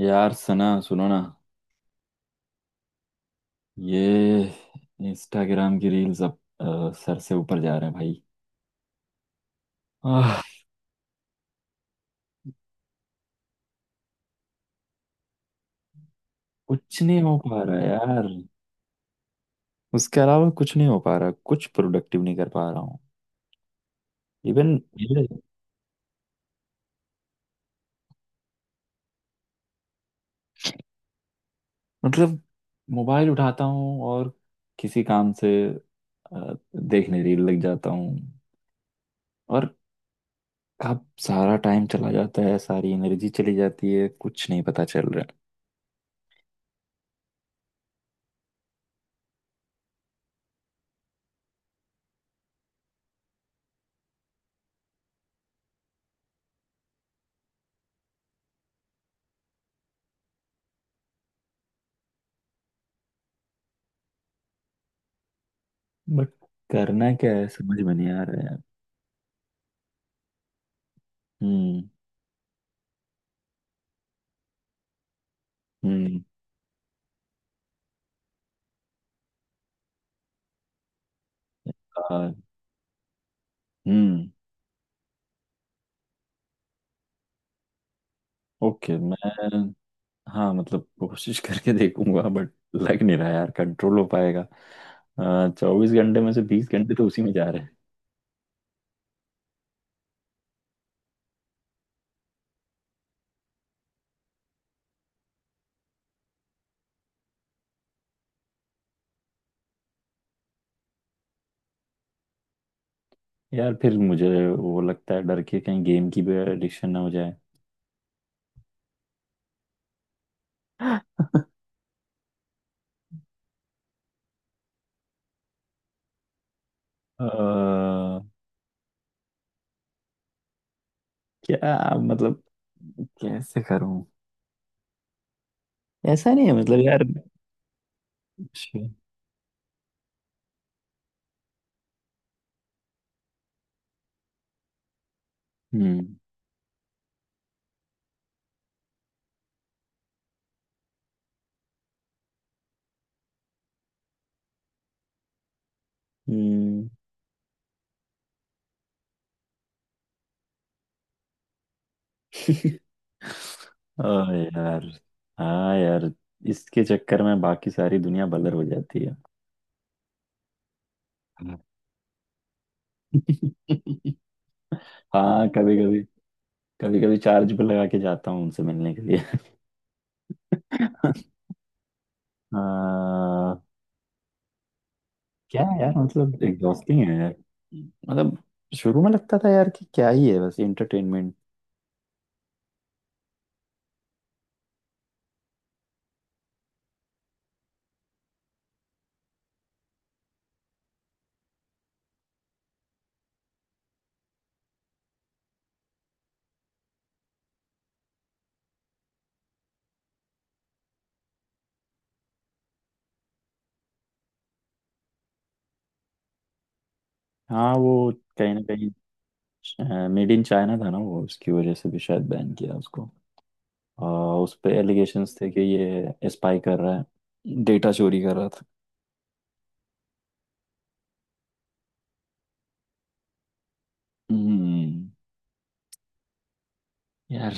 यार सना, सुनो ना। ये इंस्टाग्राम की रील्स अब सर से ऊपर जा रहे हैं भाई। आह, कुछ नहीं हो पा रहा यार। उसके अलावा कुछ नहीं हो पा रहा, कुछ प्रोडक्टिव नहीं कर पा रहा हूँ। इवन मतलब मोबाइल उठाता हूँ और किसी काम से देखने रील लग जाता हूँ। और कब सारा टाइम चला जाता है, सारी एनर्जी चली जाती है, कुछ नहीं पता चल रहा है। बट करना क्या है समझ में नहीं आ रहा है यार। हम्म। हम्म। आ, हम्म। ओके। मैं हाँ मतलब कोशिश करके देखूंगा, बट लग नहीं रहा यार कंट्रोल हो पाएगा। 24 घंटे में से 20 घंटे तो उसी में जा रहे हैं। यार फिर मुझे वो लगता है, डर के कहीं गेम की भी एडिक्शन ना हो जाए। अ, क्या मतलब, कैसे करूं? ऐसा नहीं है मतलब यार। हम्म। हम्म। ओ यार, हाँ यार, इसके चक्कर में बाकी सारी दुनिया बलर हो जाती है। हाँ, हाँ। कभी कभी, कभी कभी चार्ज पे लगा के जाता हूँ उनसे मिलने के लिए। आ, क्या है यार, मतलब एग्जॉस्टिंग है यार। मतलब शुरू में लगता था यार कि क्या ही है, बस एंटरटेनमेंट। हाँ, वो कहीं ना कहीं मेड इन चाइना था ना वो, उसकी वजह से भी शायद बैन किया उसको। आ, उस पे एलिगेशंस थे कि ये स्पाई कर रहा है, डेटा चोरी कर रहा। हम्म, यार।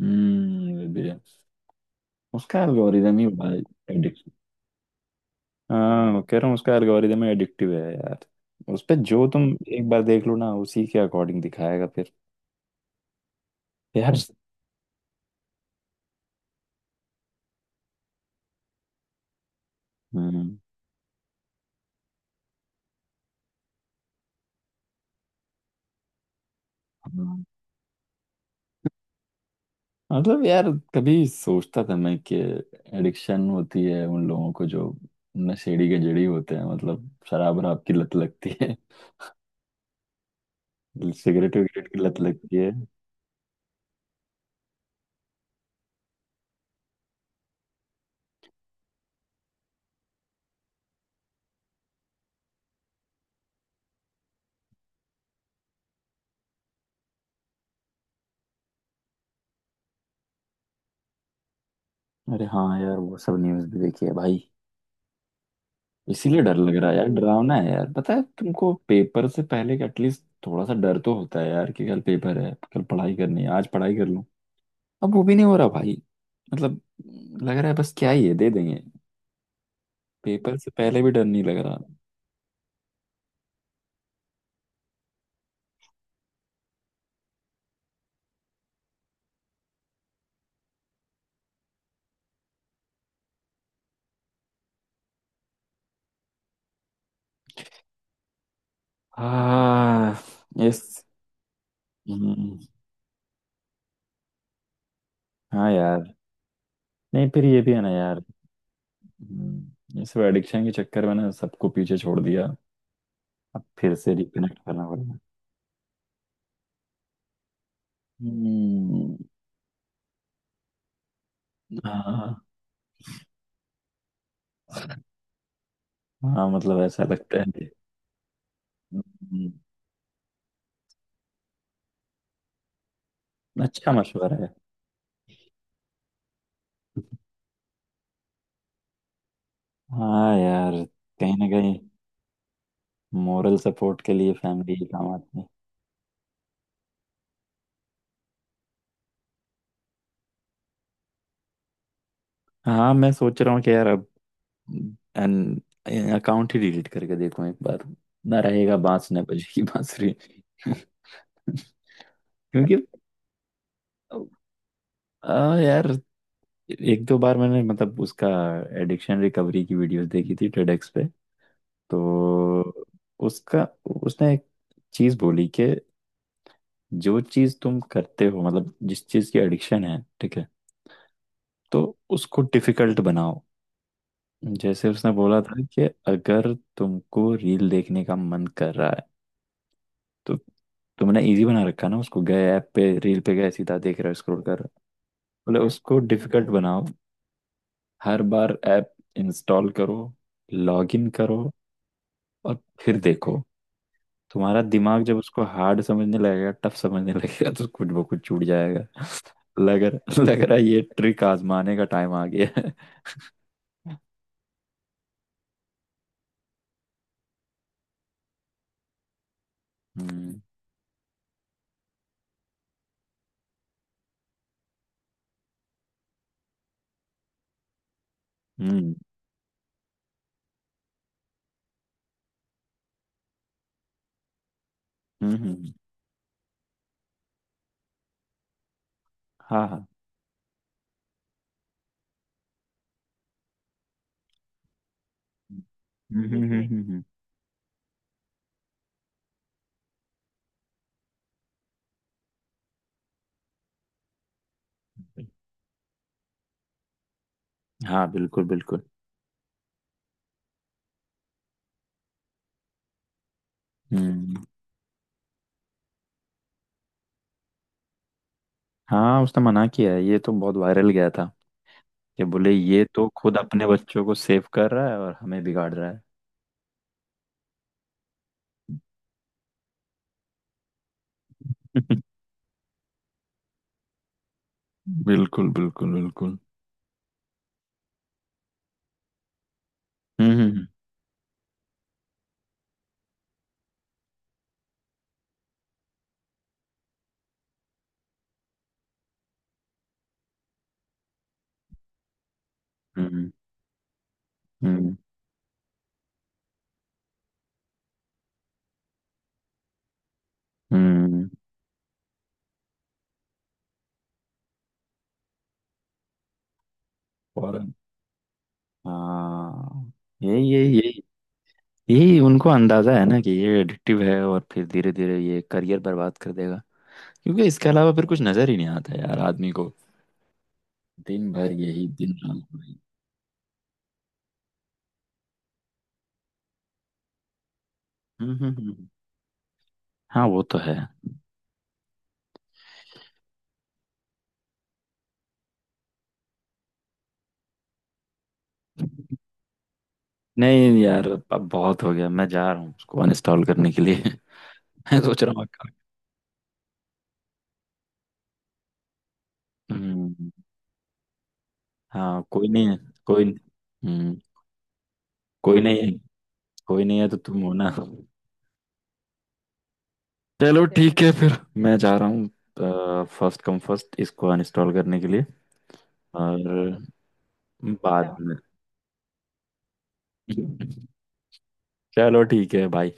हम्म, ये भी है। उसका एल्गोरिदम ही बड़ा एडिक्टिव। हाँ, मैं कह रहा हूँ उसका एल्गोरिदम ही एडिक्टिव है यार। उस पे जो तुम एक बार देख लो ना, उसी के अकॉर्डिंग दिखाएगा फिर। यार। हम्म। हाँ। मतलब यार, कभी सोचता था मैं कि एडिक्शन होती है उन लोगों को जो नशेड़ी के जड़ी होते हैं, मतलब शराब वराब की लत लगती है, सिगरेट विगरेट की लत लगती है। अरे हाँ यार, वो सब न्यूज़ भी देखी है भाई। इसीलिए डर लग रहा है यार, डरावना है यार। पता है तुमको, पेपर से पहले एटलीस्ट थोड़ा सा डर तो होता है यार कि कल पेपर है, कल पढ़ाई करनी है, आज पढ़ाई कर लूं। अब वो भी नहीं हो रहा भाई। मतलब लग रहा है बस क्या ही है, दे देंगे। पेपर से पहले भी डर नहीं लग रहा। हाँ, इस। हम्म, हाँ यार। नहीं, फिर ये भी है ना यार। इस एडिक्शन के चक्कर में ना सबको पीछे छोड़ दिया। अब फिर से रिकनेक्ट करना पड़ेगा। हम्म, हाँ। हाँ मतलब ऐसा लगता है। अच्छा मशवरा है। हाँ यार, कहीं ना कहीं मोरल सपोर्ट के लिए फैमिली ही काम आती है। हाँ मैं सोच रहा हूँ कि यार अब एन अकाउंट ही डिलीट करके देखूँ एक बार। ना रहेगा बांस ना बजेगी बांसुरी। क्योंकि यार एक दो बार मैंने मतलब उसका एडिक्शन रिकवरी की वीडियोस देखी थी टेडेक्स पे। तो उसका, उसने एक चीज बोली कि जो चीज तुम करते हो मतलब जिस चीज की एडिक्शन है, ठीक है, तो उसको डिफिकल्ट बनाओ। जैसे उसने बोला था कि अगर तुमको रील देखने का मन कर रहा है, तो तुमने इजी बना रखा ना उसको, गए ऐप पे रील पे गए सीधा, देख रहे हो स्क्रॉल कर रहे हो। बोले उसको डिफिकल्ट बनाओ। हर बार ऐप इंस्टॉल करो, लॉग इन करो और फिर देखो। तुम्हारा दिमाग जब उसको हार्ड समझने लगेगा, टफ समझने लगेगा, तो कुछ वो कुछ छूट जाएगा। लग रहा, लग रहा है ये ट्रिक आजमाने का टाइम आ गया है। हम्म। हम्म। हम्म। हाँ। हाँ। हम्म। ये। है। हम्म। हम्म। हाँ, बिल्कुल बिल्कुल। हम्म। हाँ उसने मना किया है, ये तो बहुत वायरल गया था कि बोले ये तो खुद अपने बच्चों को सेव कर रहा है और हमें बिगाड़ रहा है। बिल्कुल बिल्कुल बिल्कुल। हम्म। हम्म। हम्म। हम्म। हम्म, फॉरन। हाँ, यही यही यही। यही उनको अंदाजा है ना कि ये एडिक्टिव है और फिर धीरे धीरे ये करियर बर्बाद कर देगा। क्योंकि इसके अलावा फिर कुछ नजर ही नहीं आता यार आदमी को। दिन भर यही, दिन रात वही। हम्म। हम्म। हम्म। हाँ वो तो है। नहीं यार, अब बहुत हो गया, मैं जा रहा हूँ उसको अनइंस्टॉल करने के लिए। मैं सोच रहा हूँ। हम्म। हाँ कोई नहीं है। कोई। हम्म। कोई नहीं है। कोई नहीं है तो तुम हो ना। चलो ठीक है फिर, मैं जा रहा हूँ फर्स्ट कम फर्स्ट इसको अनइंस्टॉल करने के लिए। और बाद में। चलो ठीक है, बाय।